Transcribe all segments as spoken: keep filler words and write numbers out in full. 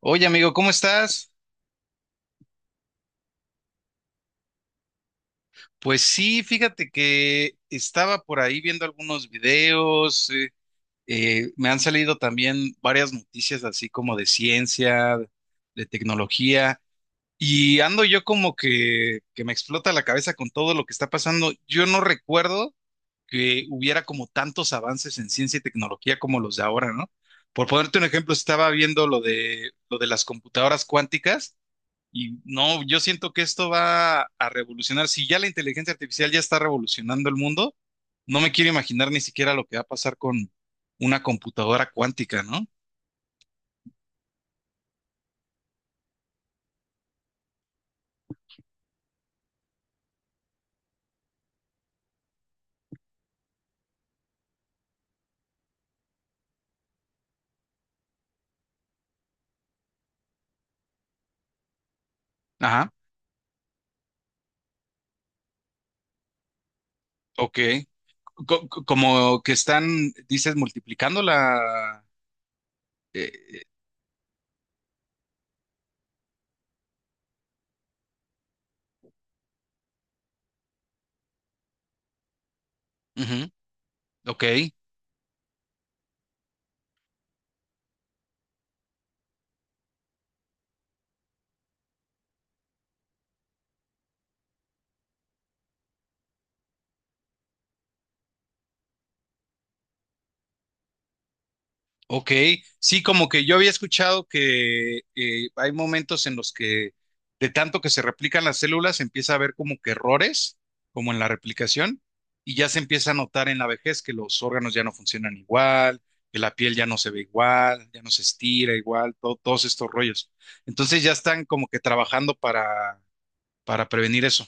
Oye, amigo, ¿cómo estás? Pues sí, fíjate que estaba por ahí viendo algunos videos, eh, eh, me han salido también varias noticias así como de ciencia, de tecnología, y ando yo como que, que me explota la cabeza con todo lo que está pasando. Yo no recuerdo que hubiera como tantos avances en ciencia y tecnología como los de ahora, ¿no? Por ponerte un ejemplo, estaba viendo lo de, lo de las computadoras cuánticas. Y no, yo siento que esto va a revolucionar. Si ya la inteligencia artificial ya está revolucionando el mundo, no me quiero imaginar ni siquiera lo que va a pasar con una computadora cuántica, ¿no? Ajá, ok. Co- co- como que están, dices, multiplicando la... eh, ujú, ok. Ok, sí, como que yo había escuchado que eh, hay momentos en los que de tanto que se replican las células empieza a haber como que errores, como en la replicación, y ya se empieza a notar en la vejez que los órganos ya no funcionan igual, que la piel ya no se ve igual, ya no se estira igual, todo- todos estos rollos. Entonces ya están como que trabajando para, para prevenir eso.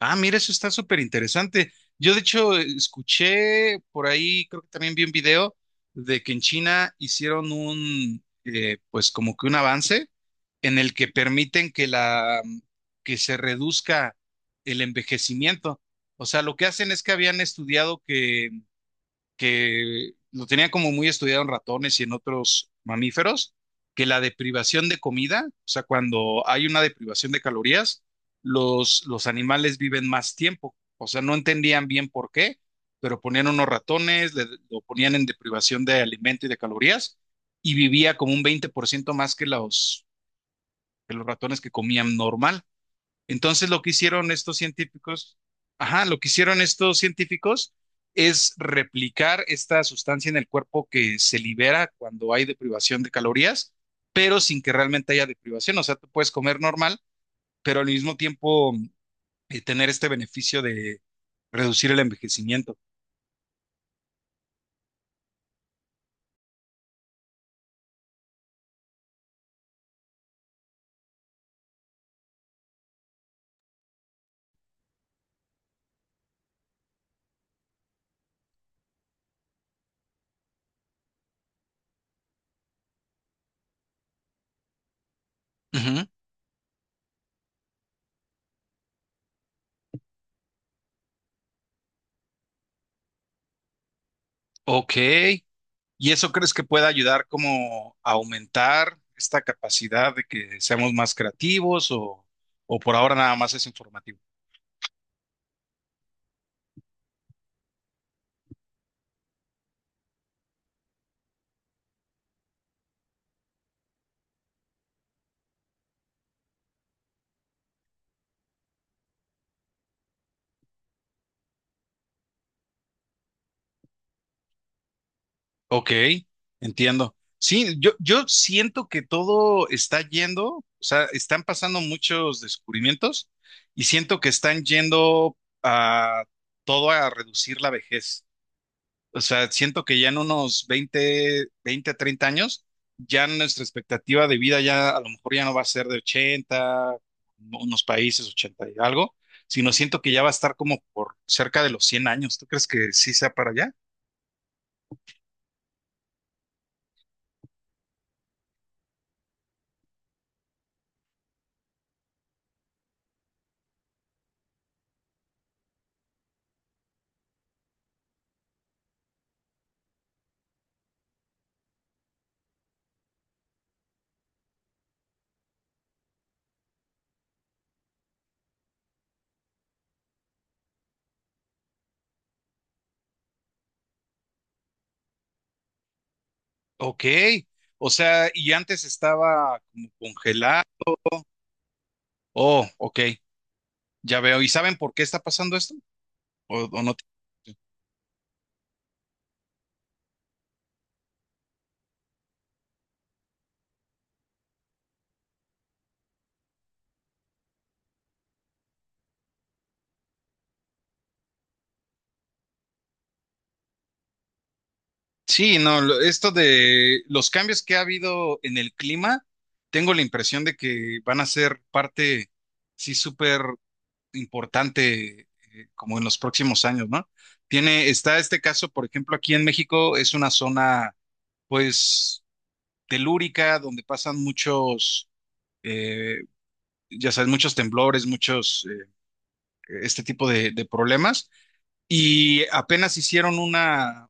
Ah, mira, eso está súper interesante. Yo de hecho escuché por ahí, creo que también vi un video de que en China hicieron un, eh, pues como que un avance en el que permiten que la, que se reduzca el envejecimiento. O sea, lo que hacen es que habían estudiado que lo tenía como muy estudiado en ratones y en otros mamíferos, que la deprivación de comida, o sea, cuando hay una deprivación de calorías, los, los animales viven más tiempo. O sea, no entendían bien por qué, pero ponían unos ratones, le- lo ponían en deprivación de alimento y de calorías y vivía como un veinte por ciento más que los, que los ratones que comían normal. Entonces lo que hicieron estos científicos, ajá, lo que hicieron estos científicos es replicar esta sustancia en el cuerpo que se libera cuando hay deprivación de calorías, pero sin que realmente haya deprivación. O sea, tú puedes comer normal, pero al mismo tiempo eh, tener este beneficio de reducir el envejecimiento. Ujú. Ok. ¿Y eso crees que pueda ayudar como a aumentar esta capacidad de que seamos más creativos o, o por ahora nada más es informativo? Ok, entiendo. Sí, yo, yo siento que todo está yendo, o sea, están pasando muchos descubrimientos y siento que están yendo a todo a reducir la vejez. O sea, siento que ya en unos veinte 20, treinta años, ya nuestra expectativa de vida ya a lo mejor ya no va a ser de ochenta, unos países ochenta y algo, sino siento que ya va a estar como por cerca de los cien años. ¿Tú crees que sí sea para allá? Ok, o sea, y antes estaba como congelado. Oh, ok, ya veo. ¿Y saben por qué está pasando esto? ¿O, o no? Sí, no, lo- esto de los cambios que ha habido en el clima, tengo la impresión de que van a ser parte, sí, súper importante, eh, como en los próximos años, ¿no? Tiene, está este caso, por ejemplo, aquí en México, es una zona, pues, telúrica, donde pasan muchos eh, ya sabes, muchos temblores, muchos, eh, este tipo de, de problemas, y apenas hicieron una,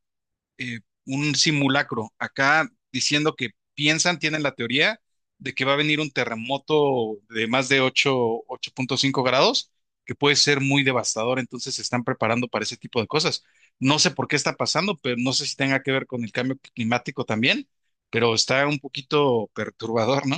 eh, un simulacro acá diciendo que piensan, tienen la teoría de que va a venir un terremoto de más de ocho ocho punto cinco grados, que puede ser muy devastador, entonces se están preparando para ese tipo de cosas. No sé por qué está pasando, pero no sé si tenga que ver con el cambio climático también, pero está un poquito perturbador, ¿no?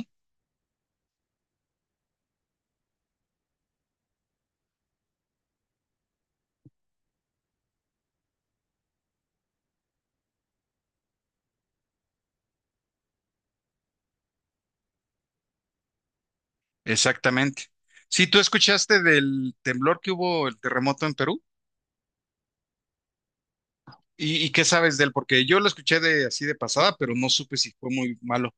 Exactamente. Si tú escuchaste del temblor que hubo, el terremoto en Perú, ¿Y, y qué sabes de él? Porque yo lo escuché de así de pasada, pero no supe si fue muy malo.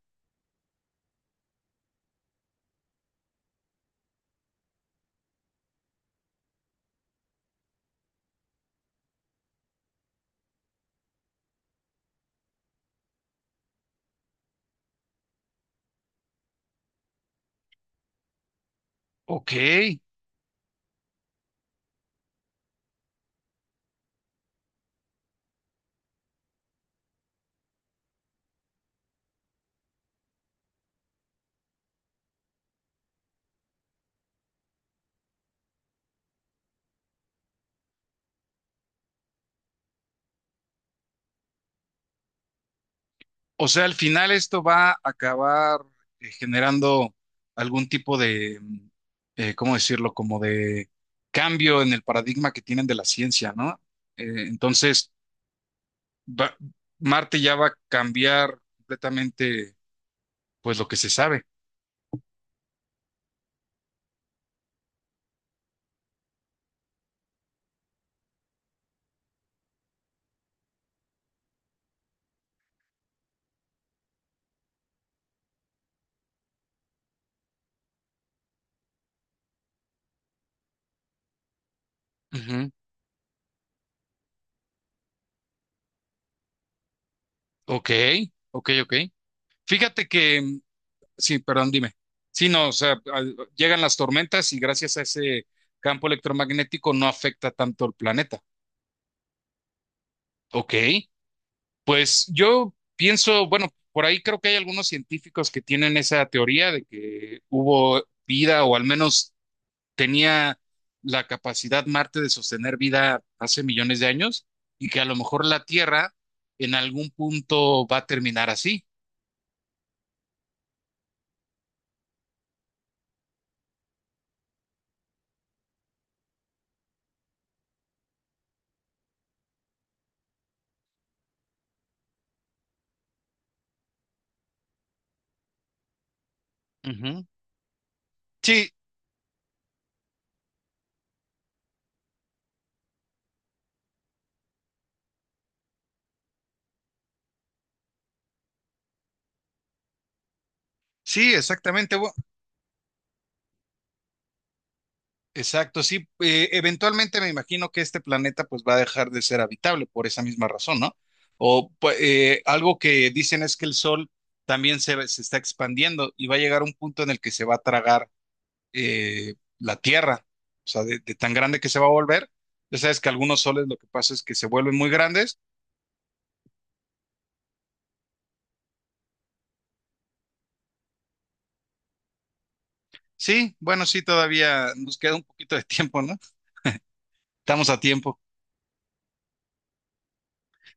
Ok, o sea, al final esto va a acabar eh, generando algún tipo de, mm, eh, ¿cómo decirlo? Como de cambio en el paradigma que tienen de la ciencia, ¿no? Eh, entonces, va- Marte ya va a cambiar completamente, pues, lo que se sabe. Ujú. Ok, ok, ok. Fíjate que, mm, sí, perdón, dime. Sí, no, o sea, al- llegan las tormentas y gracias a ese campo electromagnético no afecta tanto el planeta. Ok, pues yo pienso, bueno, por ahí creo que hay algunos científicos que tienen esa teoría de que hubo vida o al menos tenía la capacidad Marte de sostener vida hace millones de años y que a lo mejor la Tierra en algún punto va a terminar así. Ujú. Sí, sí, exactamente. Exacto, sí. Eh, eventualmente me imagino que este planeta pues va a dejar de ser habitable por esa misma razón, ¿no? O pu- eh, algo que dicen es que el Sol también se, se está expandiendo y va a llegar un punto en el que se va a tragar eh, la Tierra, o sea, de, de tan grande que se va a volver. Ya sabes que algunos soles lo que pasa es que se vuelven muy grandes. Sí, bueno, sí, todavía nos queda un poquito de tiempo, ¿no? Estamos a tiempo.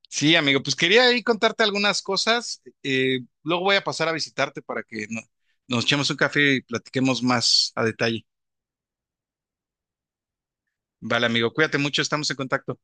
Sí, amigo, pues quería ahí contarte algunas cosas. Eh, luego voy a pasar a visitarte para que no- nos echemos un café y platiquemos más a detalle. Vale, amigo, cuídate mucho, estamos en contacto.